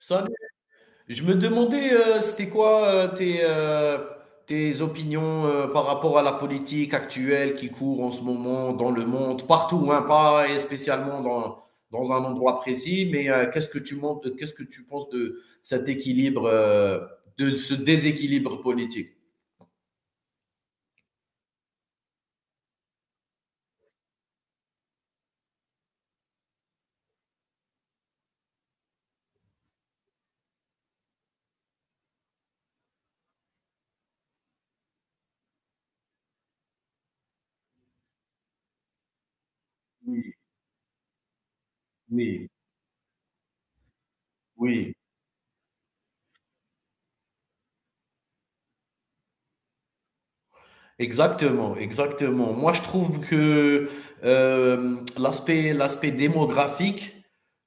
Salut. Je me demandais, c'était quoi tes opinions par rapport à la politique actuelle qui court en ce moment dans le monde, partout, hein, pas spécialement dans un endroit précis, mais qu'est-ce que tu montes, qu'est-ce que tu penses de cet équilibre, de ce déséquilibre politique? Oui, oui, oui. Exactement, exactement. Moi, je trouve que l'aspect démographique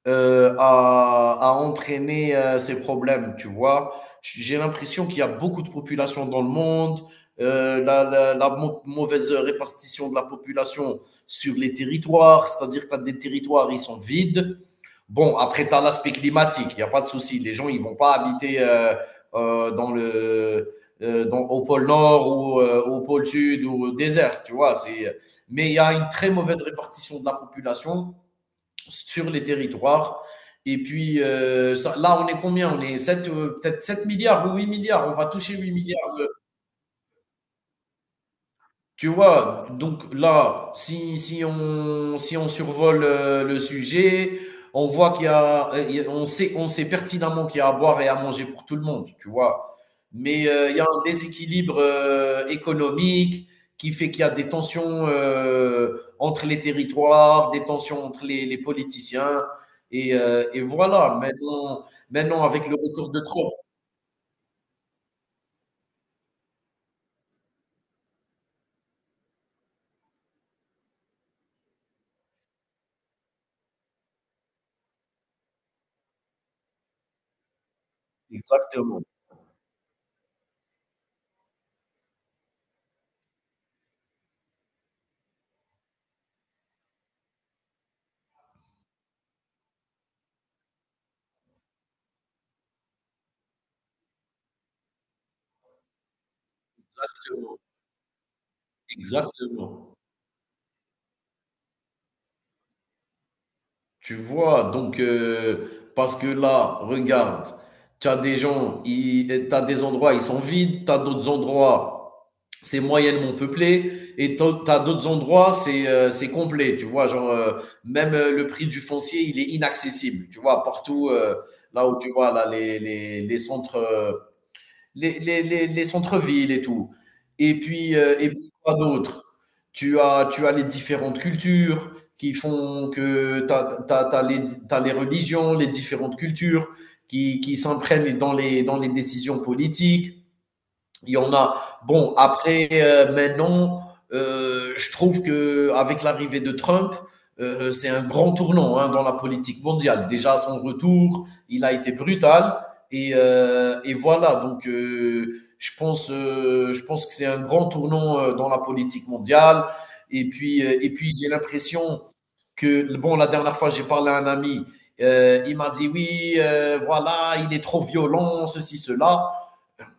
a entraîné ces problèmes, tu vois. J'ai l'impression qu'il y a beaucoup de populations dans le monde, mauvaise répartition de la population sur les territoires, c'est-à-dire que tu as des territoires, ils sont vides. Bon, après, tu as l'aspect climatique, il n'y a pas de souci. Les gens, ils ne vont pas habiter euh, dans le, au pôle Nord ou au pôle Sud ou au désert, tu vois. C'est... Mais il y a une très mauvaise répartition de la population sur les territoires. Et puis, là, on est combien? On est 7, peut-être 7 milliards ou 8 milliards. On va toucher 8 milliards. Tu vois? Donc là, si on survole, le sujet, on voit qu'il y a on sait pertinemment qu'il y a à boire et à manger pour tout le monde, tu vois? Mais, il y a un déséquilibre, économique qui fait qu'il y a des tensions, entre les territoires, des tensions entre les politiciens et voilà. Maintenant avec le retour de Trump, exactement, exactement, exactement. Tu vois, donc, parce que là, regarde, tu as des gens, tu as des endroits, ils sont vides, tu as d'autres endroits, c'est moyennement peuplé, et tu as d'autres endroits, c'est complet, tu vois, genre, même le prix du foncier, il est inaccessible, tu vois, partout, là où tu vois, là, les centres, les centres-villes et tout. Et puis quoi d'autre? Tu as les différentes cultures qui font que as, les, t'as les religions, les différentes cultures qui s'imprègnent dans dans les décisions politiques. Il y en a. Bon, après, maintenant, je trouve que avec l'arrivée de Trump, c'est un grand tournant, hein, dans la politique mondiale. Déjà, à son retour, il a été brutal. Et voilà, donc je pense que c'est un grand tournant dans la politique mondiale. Et puis j'ai l'impression que, bon, la dernière fois, j'ai parlé à un ami, il m'a dit, oui, voilà, il est trop violent, ceci, cela.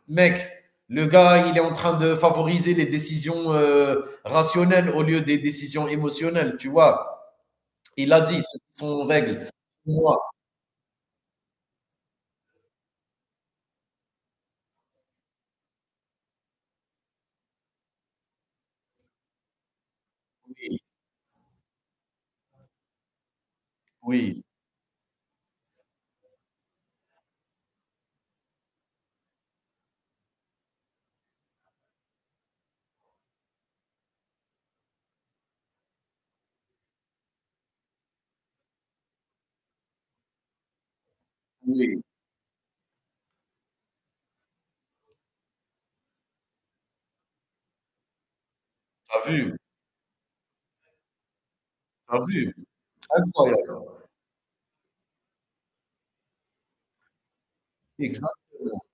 Mec, le gars, il est en train de favoriser les décisions rationnelles au lieu des décisions émotionnelles, tu vois. Il a dit, ce sont les règles. Moi, oui, oui, oui, oui. Incroyable. Exactement.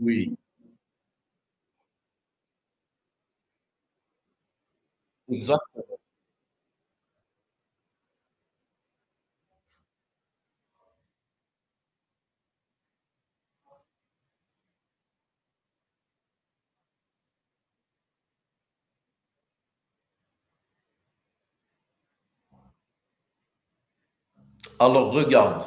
Oui, exact. Alors, regarde.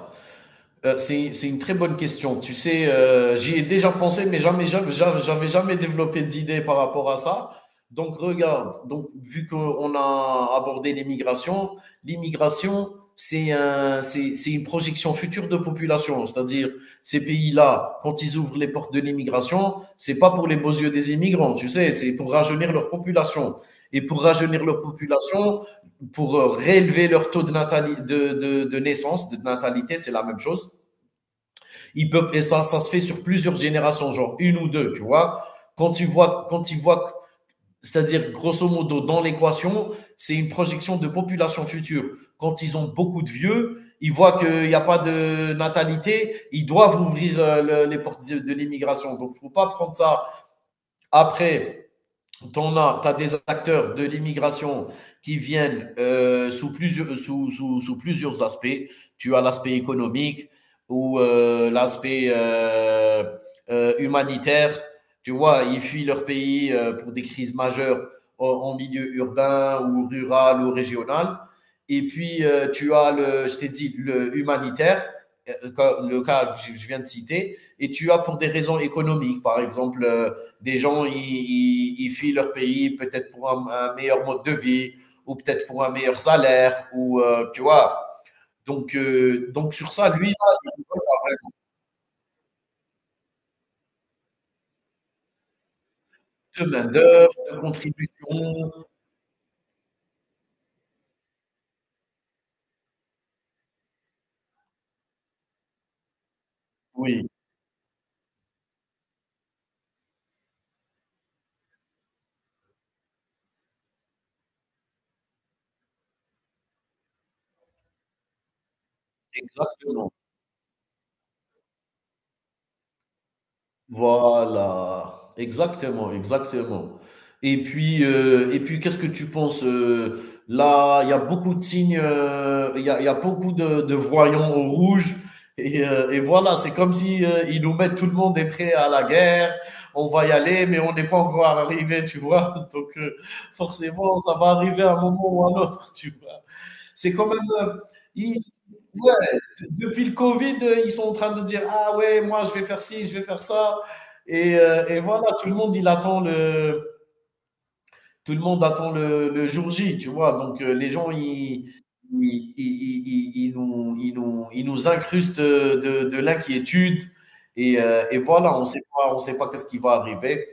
C'est une très bonne question. Tu sais, j'y ai déjà pensé, mais j'avais jamais développé d'idée par rapport à ça. Donc, regarde, donc, vu qu'on a abordé l'immigration, l'immigration, c'est c'est une projection future de population. C'est-à-dire, ces pays-là, quand ils ouvrent les portes de l'immigration, c'est pas pour les beaux yeux des immigrants, tu sais, c'est pour rajeunir leur population. Et pour rajeunir leur population, pour réélever leur taux de, natali- de naissance, de natalité, c'est la même chose. Ils peuvent, et ça se fait sur plusieurs générations, genre une ou deux, tu vois. Quand ils voient, c'est-à-dire grosso modo dans l'équation, c'est une projection de population future. Quand ils ont beaucoup de vieux, ils voient qu'il n'y a pas de natalité, ils doivent ouvrir les portes de l'immigration. Donc, il ne faut pas prendre ça. Après des acteurs de l'immigration qui viennent sous plusieurs aspects. Tu as l'aspect économique ou l'aspect humanitaire. Tu vois, ils fuient leur pays pour des crises majeures en milieu urbain ou rural ou régional. Et puis, je t'ai dit, le humanitaire, euh, le cas que je viens de citer. Et tu as pour des raisons économiques, par exemple des gens, ils fuient leur pays peut-être pour un meilleur mode de vie ou peut-être pour un meilleur salaire ou tu vois. Donc sur ça, lui, là, il parle de main d'œuvre, de contribution. Oui, exactement. Voilà, exactement, exactement. Et puis qu'est-ce que tu penses, là, il y a beaucoup de signes, il y a beaucoup de voyants au rouge et voilà, c'est comme si, ils nous mettent, tout le monde est prêt à la guerre. On va y aller, mais on n'est pas encore arrivé, tu vois? Donc forcément, ça va arriver à un moment ou à un autre, tu vois? C'est quand même. Ils- ouais, depuis le Covid, ils sont en train de dire, ah ouais, moi je vais faire ci, je vais faire ça. Et voilà, tout le monde, tout le monde attend le jour J, tu vois. Donc les gens, ils nous incrustent l'inquiétude. Et voilà, on sait pas qu'est-ce qui va arriver.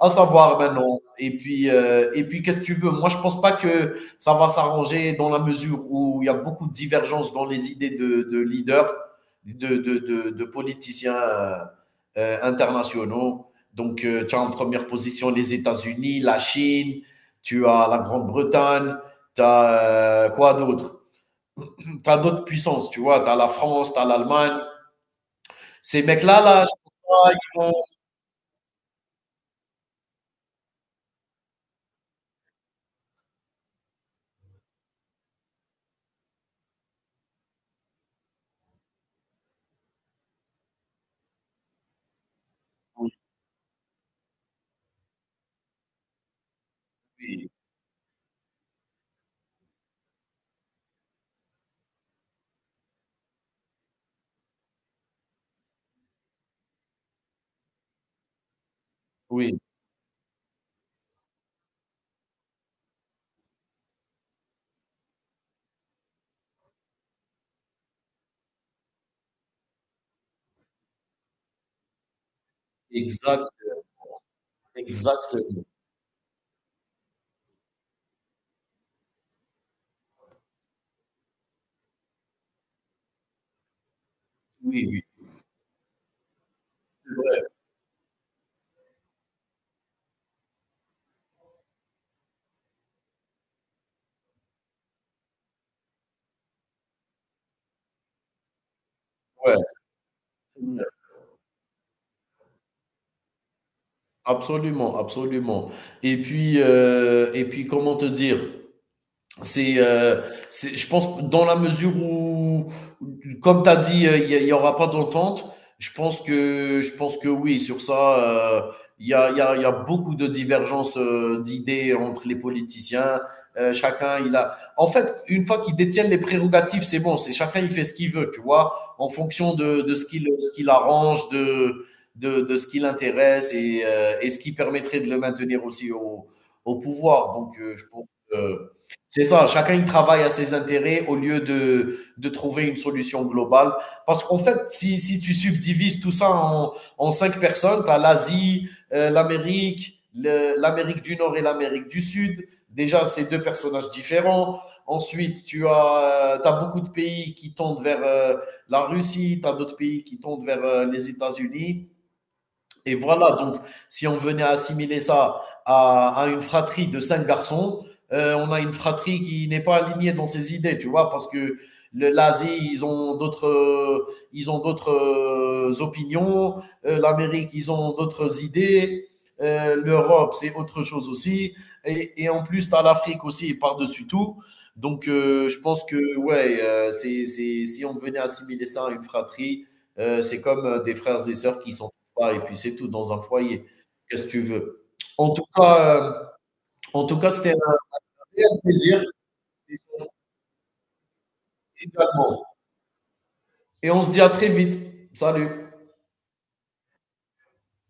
À savoir maintenant. Et puis qu'est-ce que tu veux? Moi, je pense pas que ça va s'arranger dans la mesure où il y a beaucoup de divergences dans les idées de leaders, de politiciens internationaux. Donc, tu as en première position les États-Unis, la Chine, tu as la Grande-Bretagne, tu as quoi d'autre? Tu as d'autres puissances, tu vois. Tu as la France, tu as l'Allemagne. Ces mecs-là, là, je pense pas, ils vont- Oui, oui, oui. Exact, exactement. Oui, oui. Ouais, ouais, ouais. Absolument, absolument. Et puis, comment te dire? c'est, euh, je pense, dans la mesure où, comme tu as dit, il n'y aura pas d'entente, je pense que oui, sur ça, il y a, y a- y a beaucoup de divergences d'idées entre les politiciens. Chacun, il a. En fait, une fois qu'ils détiennent les prérogatives, c'est bon, c'est chacun, il fait ce qu'il veut, tu vois, en fonction de ce qu'il arrange, de ce qui l'intéresse et ce qui permettrait de le maintenir aussi au pouvoir. Donc, je pense que. C'est ça, chacun il travaille à ses intérêts au lieu de trouver une solution globale. Parce qu'en fait, si tu subdivises tout ça en cinq personnes, tu as l'Asie, l'Amérique du Nord et l'Amérique du Sud. Déjà, c'est deux personnages différents. Ensuite, t'as beaucoup de pays qui tendent vers la Russie, tu as d'autres pays qui tendent vers les États-Unis. Et voilà, donc si on venait assimiler ça à une fratrie de cinq garçons, on a une fratrie qui n'est pas alignée dans ses idées, tu vois, parce que l'Asie, ils ont ils ont d'autres opinions, l'Amérique, ils ont d'autres idées, l'Europe, c'est autre chose aussi, et en plus, tu as l'Afrique aussi par-dessus tout. Donc, je pense que, ouais, si on venait assimiler ça à une fratrie, c'est comme des frères et sœurs qui sont pas, et puis c'est tout, dans un foyer. Qu'est-ce que tu veux? En tout cas, euh, en tout cas c'était un réel plaisir également. Et on se dit à très vite. Salut.